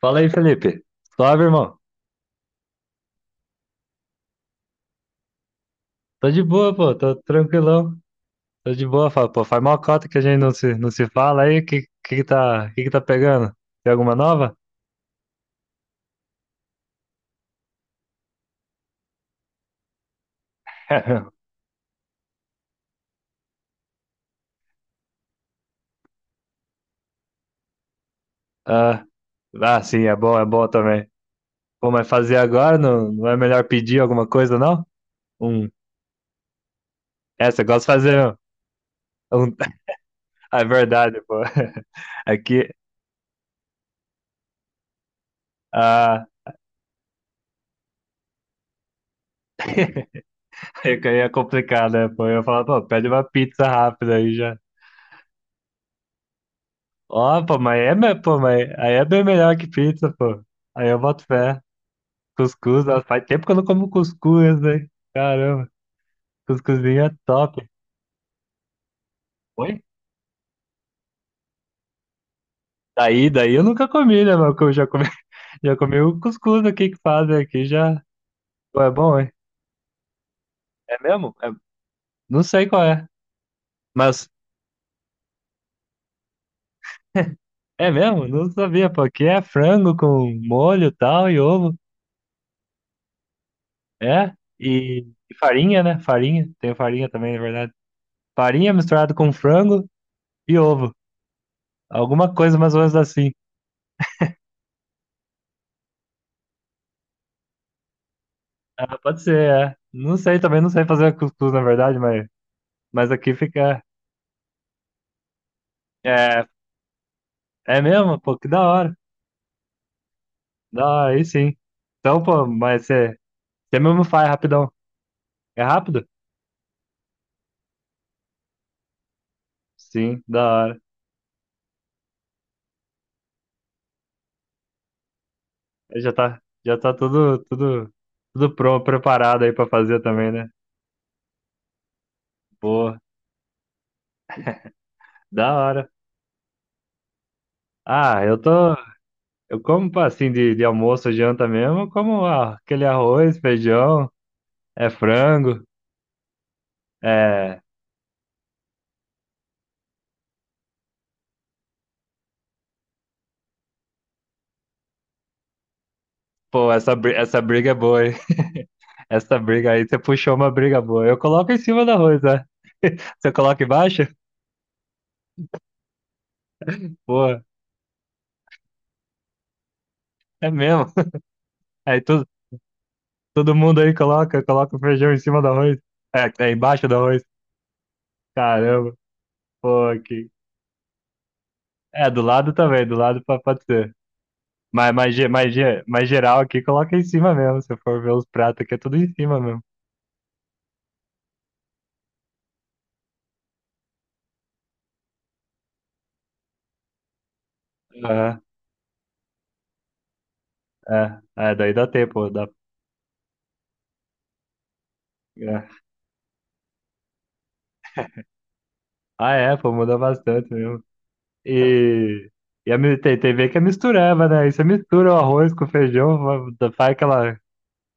Fala aí, Felipe. Suave, irmão. Tô de boa, pô. Tô tranquilão. Tô de boa. Pô, faz mó cota que a gente não se fala aí. Que tá pegando? Tem alguma nova? Ah, ah, sim, é bom também. Pô, mas fazer agora não, não é melhor pedir alguma coisa, não? Um. É, você gosta de fazer um. um- É verdade, pô. Aqui. Ah, é que aí é complicado, né? Pô, eu ia falar, pô, pede uma pizza rápida aí já. Ó, pô, mas pô, mas aí é bem melhor que pizza, pô. Aí eu boto fé. Cuscuz, nossa, faz tempo que eu não como cuscuz, né? Caramba, cuscuzinho é top. Oi? Daí eu nunca comi, né, meu? Eu já comi, já comi o cuscuz aqui que fazem aqui, já. Pô, é bom, hein? É mesmo? Não sei qual é, mas é mesmo? Não sabia, pô. Aqui é frango com molho e tal e ovo. É? E farinha, né? Farinha. Tem farinha também, na verdade. Farinha misturada com frango e ovo. Alguma coisa mais ou menos assim. Ah, pode ser, é. Não sei também, não sei fazer cuscuz, na verdade, mas aqui fica. É, é mesmo? Pô, que da hora. Da hora, aí sim. Então, pô, mas você mesmo faz rapidão. É rápido? Sim, da hora. Aí já tá tudo pronto, preparado aí pra fazer também, né? Boa, da hora. Ah, eu tô. Eu como pô, assim de almoço, janta mesmo, eu como aquele arroz, feijão, é frango. É. Pô, essa briga é boa, hein? Essa briga aí, você puxou uma briga boa. Eu coloco em cima da arroz, né? Você coloca embaixo? Pô, é mesmo. Aí todo mundo aí coloca o feijão em cima do arroz. É, é embaixo do arroz. Caramba, pô, aqui. É, do lado também, do lado pode ser. Mas geral aqui, coloca em cima mesmo. Se for ver os pratos aqui, é tudo em cima mesmo. Aham, é, daí dá tempo. Dá, é. Ah, é, pô, muda bastante mesmo. E, e tem ver que é misturava, né? Aí você mistura o arroz com o feijão, faz aquela,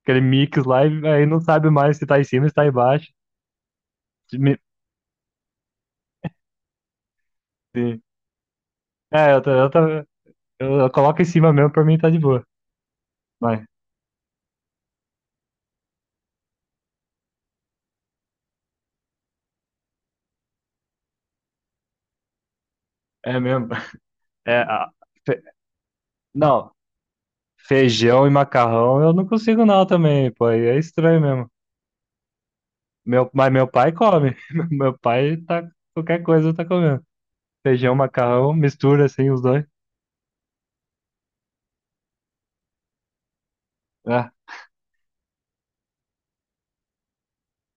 aquele mix lá e aí não sabe mais se tá em cima, se tá embaixo. Se me- se- É, eu, tô- eu, tô- eu coloco em cima mesmo, pra mim tá de boa. Mas é mesmo. É, fe- não, feijão e macarrão eu não consigo não também, pô. Aí é estranho mesmo. Meu, mas meu pai come. Meu pai tá, qualquer coisa tá comendo. Feijão, macarrão, mistura assim os dois. É.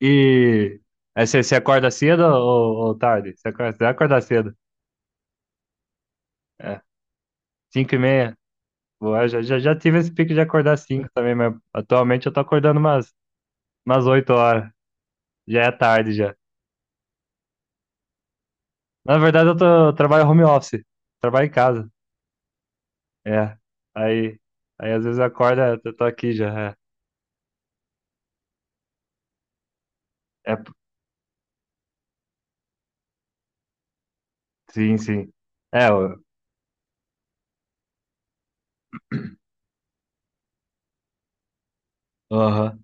E aí você acorda cedo ou tarde? Você acorda cedo. É, 5h30. Boa, já tive esse pique de acordar cinco também, mas atualmente eu tô acordando umas oito horas. Já é tarde já. Na verdade, eu trabalho home office. Trabalho em casa. É. Aí, aí às vezes acorda, eu tô aqui já. É, sim, sim. É, eu, Aham.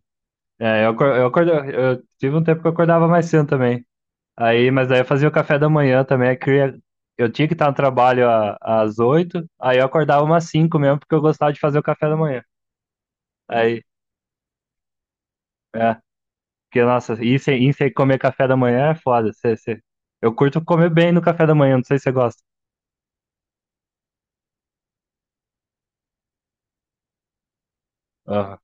É, eu tive um tempo que eu acordava mais cedo também. Aí, mas aí eu fazia o café da manhã também. Eu tinha que estar no trabalho às 8, aí eu acordava umas 5 mesmo, porque eu gostava de fazer o café da manhã. Aí, é, porque, nossa, ir sem comer café da manhã é foda. Eu curto comer bem no café da manhã, não sei se você gosta. Aham.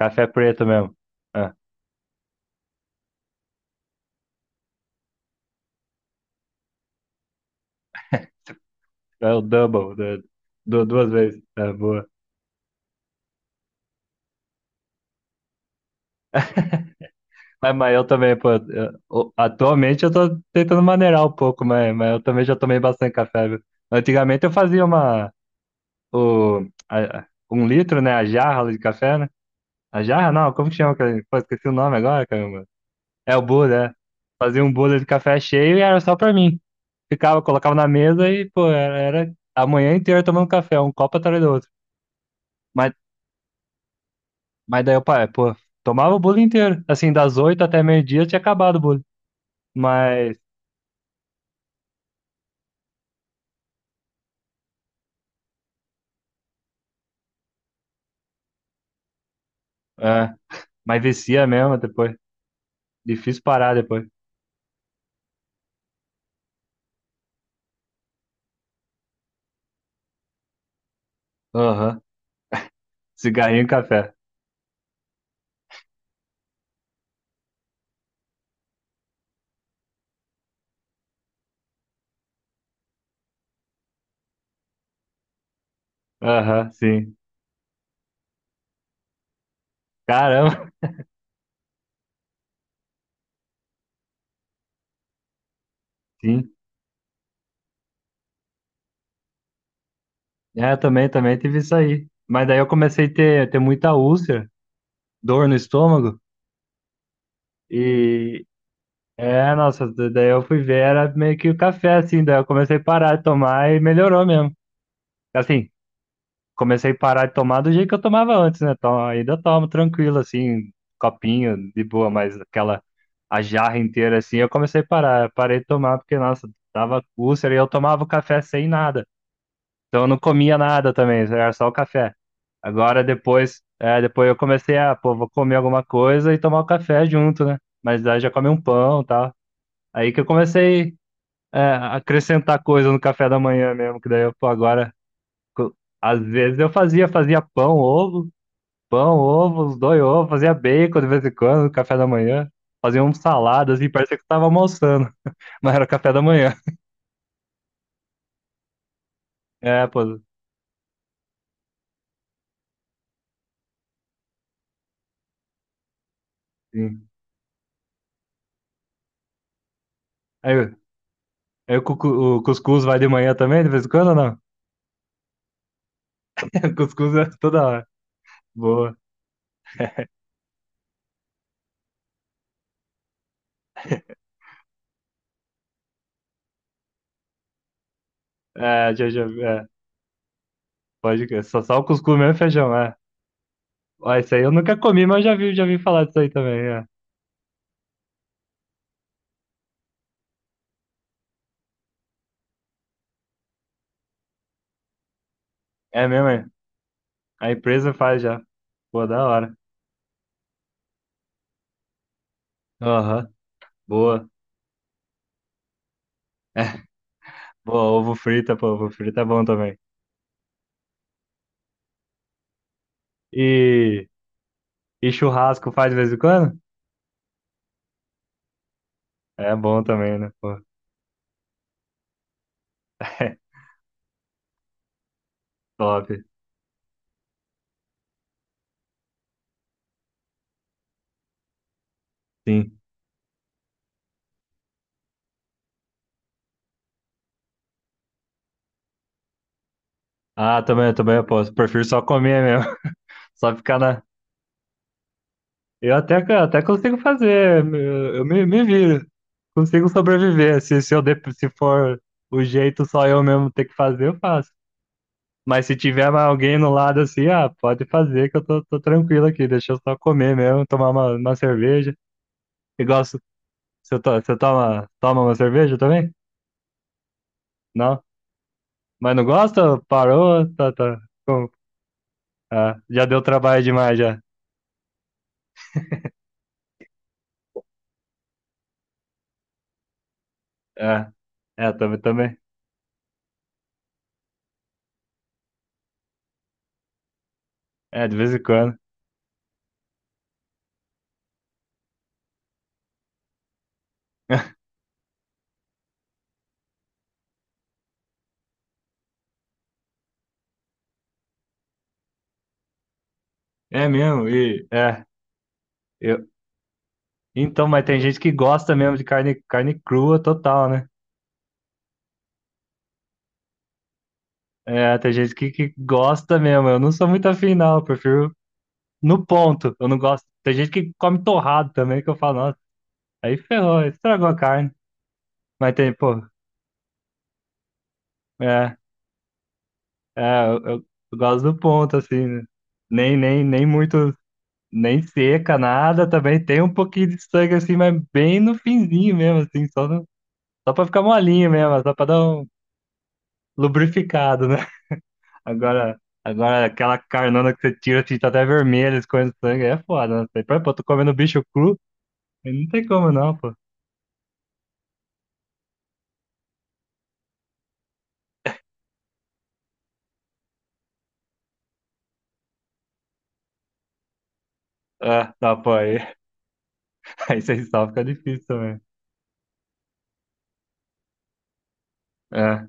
Café preto mesmo. É, é o double, né? Duas vezes. É, boa. Mas eu também, pô, atualmente eu tô tentando maneirar um pouco, mas eu também já tomei bastante café, viu? Antigamente eu fazia uma. O, a- um litro, né? A jarra de café, né? A jarra não, como que chama? Pô, esqueci o nome agora, caramba. É o bolha, é. Fazia um bolha de café cheio e era só pra mim. Ficava, colocava na mesa e, pô, era a manhã inteira tomando café, um copo atrás do outro. Mas, mas daí o pai, pô, tomava o bolo inteiro. Assim, das 8 até meio-dia tinha acabado o bolo. Mas, é, mas vicia mesmo depois. Difícil parar depois. Aham. Cigarrinho e café. Aham, sim. Caramba, sim. É, também tive isso aí. Mas daí eu comecei a ter muita úlcera, dor no estômago. E é, nossa, daí eu fui ver, era meio que o café, assim, daí eu comecei a parar de tomar e melhorou mesmo. Assim, comecei a parar de tomar do jeito que eu tomava antes, né? Então, ainda tomo tranquilo, assim, copinho, de boa, mas aquela, a jarra inteira, assim, eu comecei a parar, parei de tomar, porque, nossa, tava úlcera e eu tomava o café sem nada. Então eu não comia nada também, era só o café. Agora depois, é, depois eu comecei a, pô, vou comer alguma coisa e tomar o café junto, né? Mas aí já come um pão e tal. Aí que eu comecei, é, a acrescentar coisa no café da manhã mesmo, que daí eu, pô, agora, co- às vezes eu fazia pão, ovo, os dois ovos, fazia bacon de vez em quando no café da manhã. Fazia um salada, assim, parecia que eu tava almoçando, mas era café da manhã. É, pô, sim. Aí, aí o cuscuz vai de manhã também, de vez em quando ou não? Cuscuz é toda hora. Boa. É, já, é, pode crer. Só o cuscuz mesmo e feijão, é. Ó, isso aí eu nunca comi, mas já vi, falar disso aí também, é. É mesmo, é. A empresa faz já. Pô, da hora. Aham, boa. Boa, ovo frita é bom também. E, e churrasco faz de vez em quando? É bom também, né, pô. Top, sim. Ah, também eu posso. Prefiro só comer mesmo. Só ficar na. Eu até consigo fazer. Eu me viro. Consigo sobreviver. Se, eu de- se for o jeito só eu mesmo ter que fazer, eu faço. Mas se tiver mais alguém no lado assim, ah, pode fazer que eu tô tranquilo aqui. Deixa eu só comer mesmo, tomar uma cerveja. E gosto. Você toma uma cerveja também? Não? Mas não gosta? Parou? Tá, tá. Com- já deu trabalho demais já. É, é, também, também. É, de vez em quando. É mesmo, e é. Eu... Então, mas tem gente que gosta mesmo de carne crua total, né? É, tem gente que gosta mesmo. Eu não sou muito afim, não. Eu prefiro no ponto. Eu não gosto. Tem gente que come torrado também, que eu falo, nossa, aí ferrou, aí estragou a carne. Mas tem, pô, é, é, eu, eu- eu gosto do ponto, assim, né? Nem muito, nem seca, nada também. Tem um pouquinho de sangue, assim, mas bem no finzinho mesmo, assim, só, no, só pra ficar molinho mesmo, só pra dar um lubrificado, né? Agora aquela carnona que você tira, você tá até vermelha, escorrendo sangue, aí é foda, né? Tô comendo bicho cru, aí não tem como não, pô. É, tá, pô, aí, aí sem sal fica difícil também. É,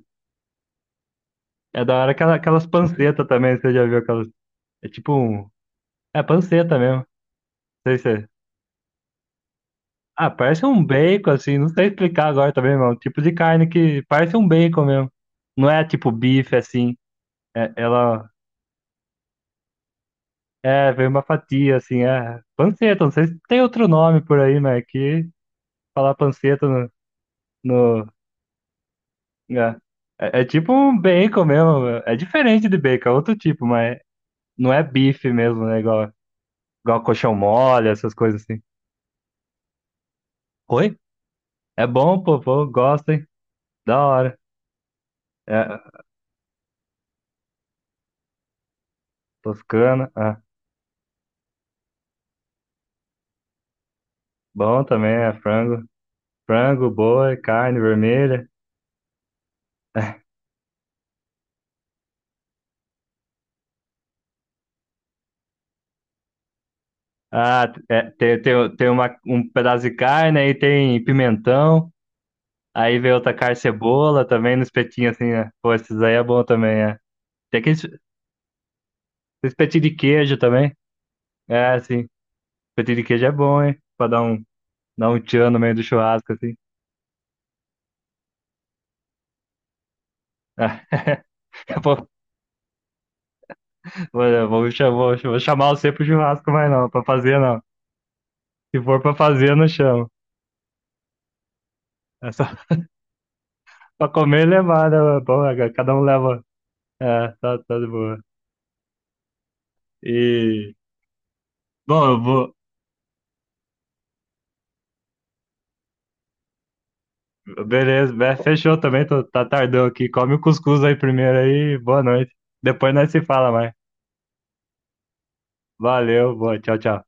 é da hora aquelas pancetas também, você já viu aquelas, é tipo um, é panceta mesmo, não sei se, é, ah, parece um bacon, assim, não sei explicar agora também, mano, tipo de carne que parece um bacon mesmo, não é tipo bife, assim, é, ela, é, vem uma fatia, assim, é, panceta, não sei se tem outro nome por aí, mas é que falar panceta no, né? É tipo um bacon mesmo. É diferente de bacon, é outro tipo, mas não é bife mesmo, né? Igual colchão mole, essas coisas assim. Oi? É bom, pô, gosto, hein? Da hora. É, toscana, ah, bom também, é frango. Frango, boi, carne vermelha. Ah, é, tem um pedaço de carne, aí tem pimentão, aí vem outra carne cebola também no espetinho assim, né? Pô, esses aí é bom também, é. Tem aqueles Esse petinho de queijo também. É, sim. Petinho de queijo é bom, hein? Pra dar um, tchan no meio do churrasco, assim. Ah, Vou, vou chamar você pro churrasco, mas não. Pra fazer, não. Se for pra fazer, eu não chamo. É só pra comer e levar, né? mano? Bom, é, cada um leva. É, tá, tá de boa. E. Bom, eu vou. Beleza, fechou também. Tá tardão aqui. Come o cuscuz aí primeiro aí. Boa noite. Depois nós se fala mais. Valeu, boa. Tchau, tchau.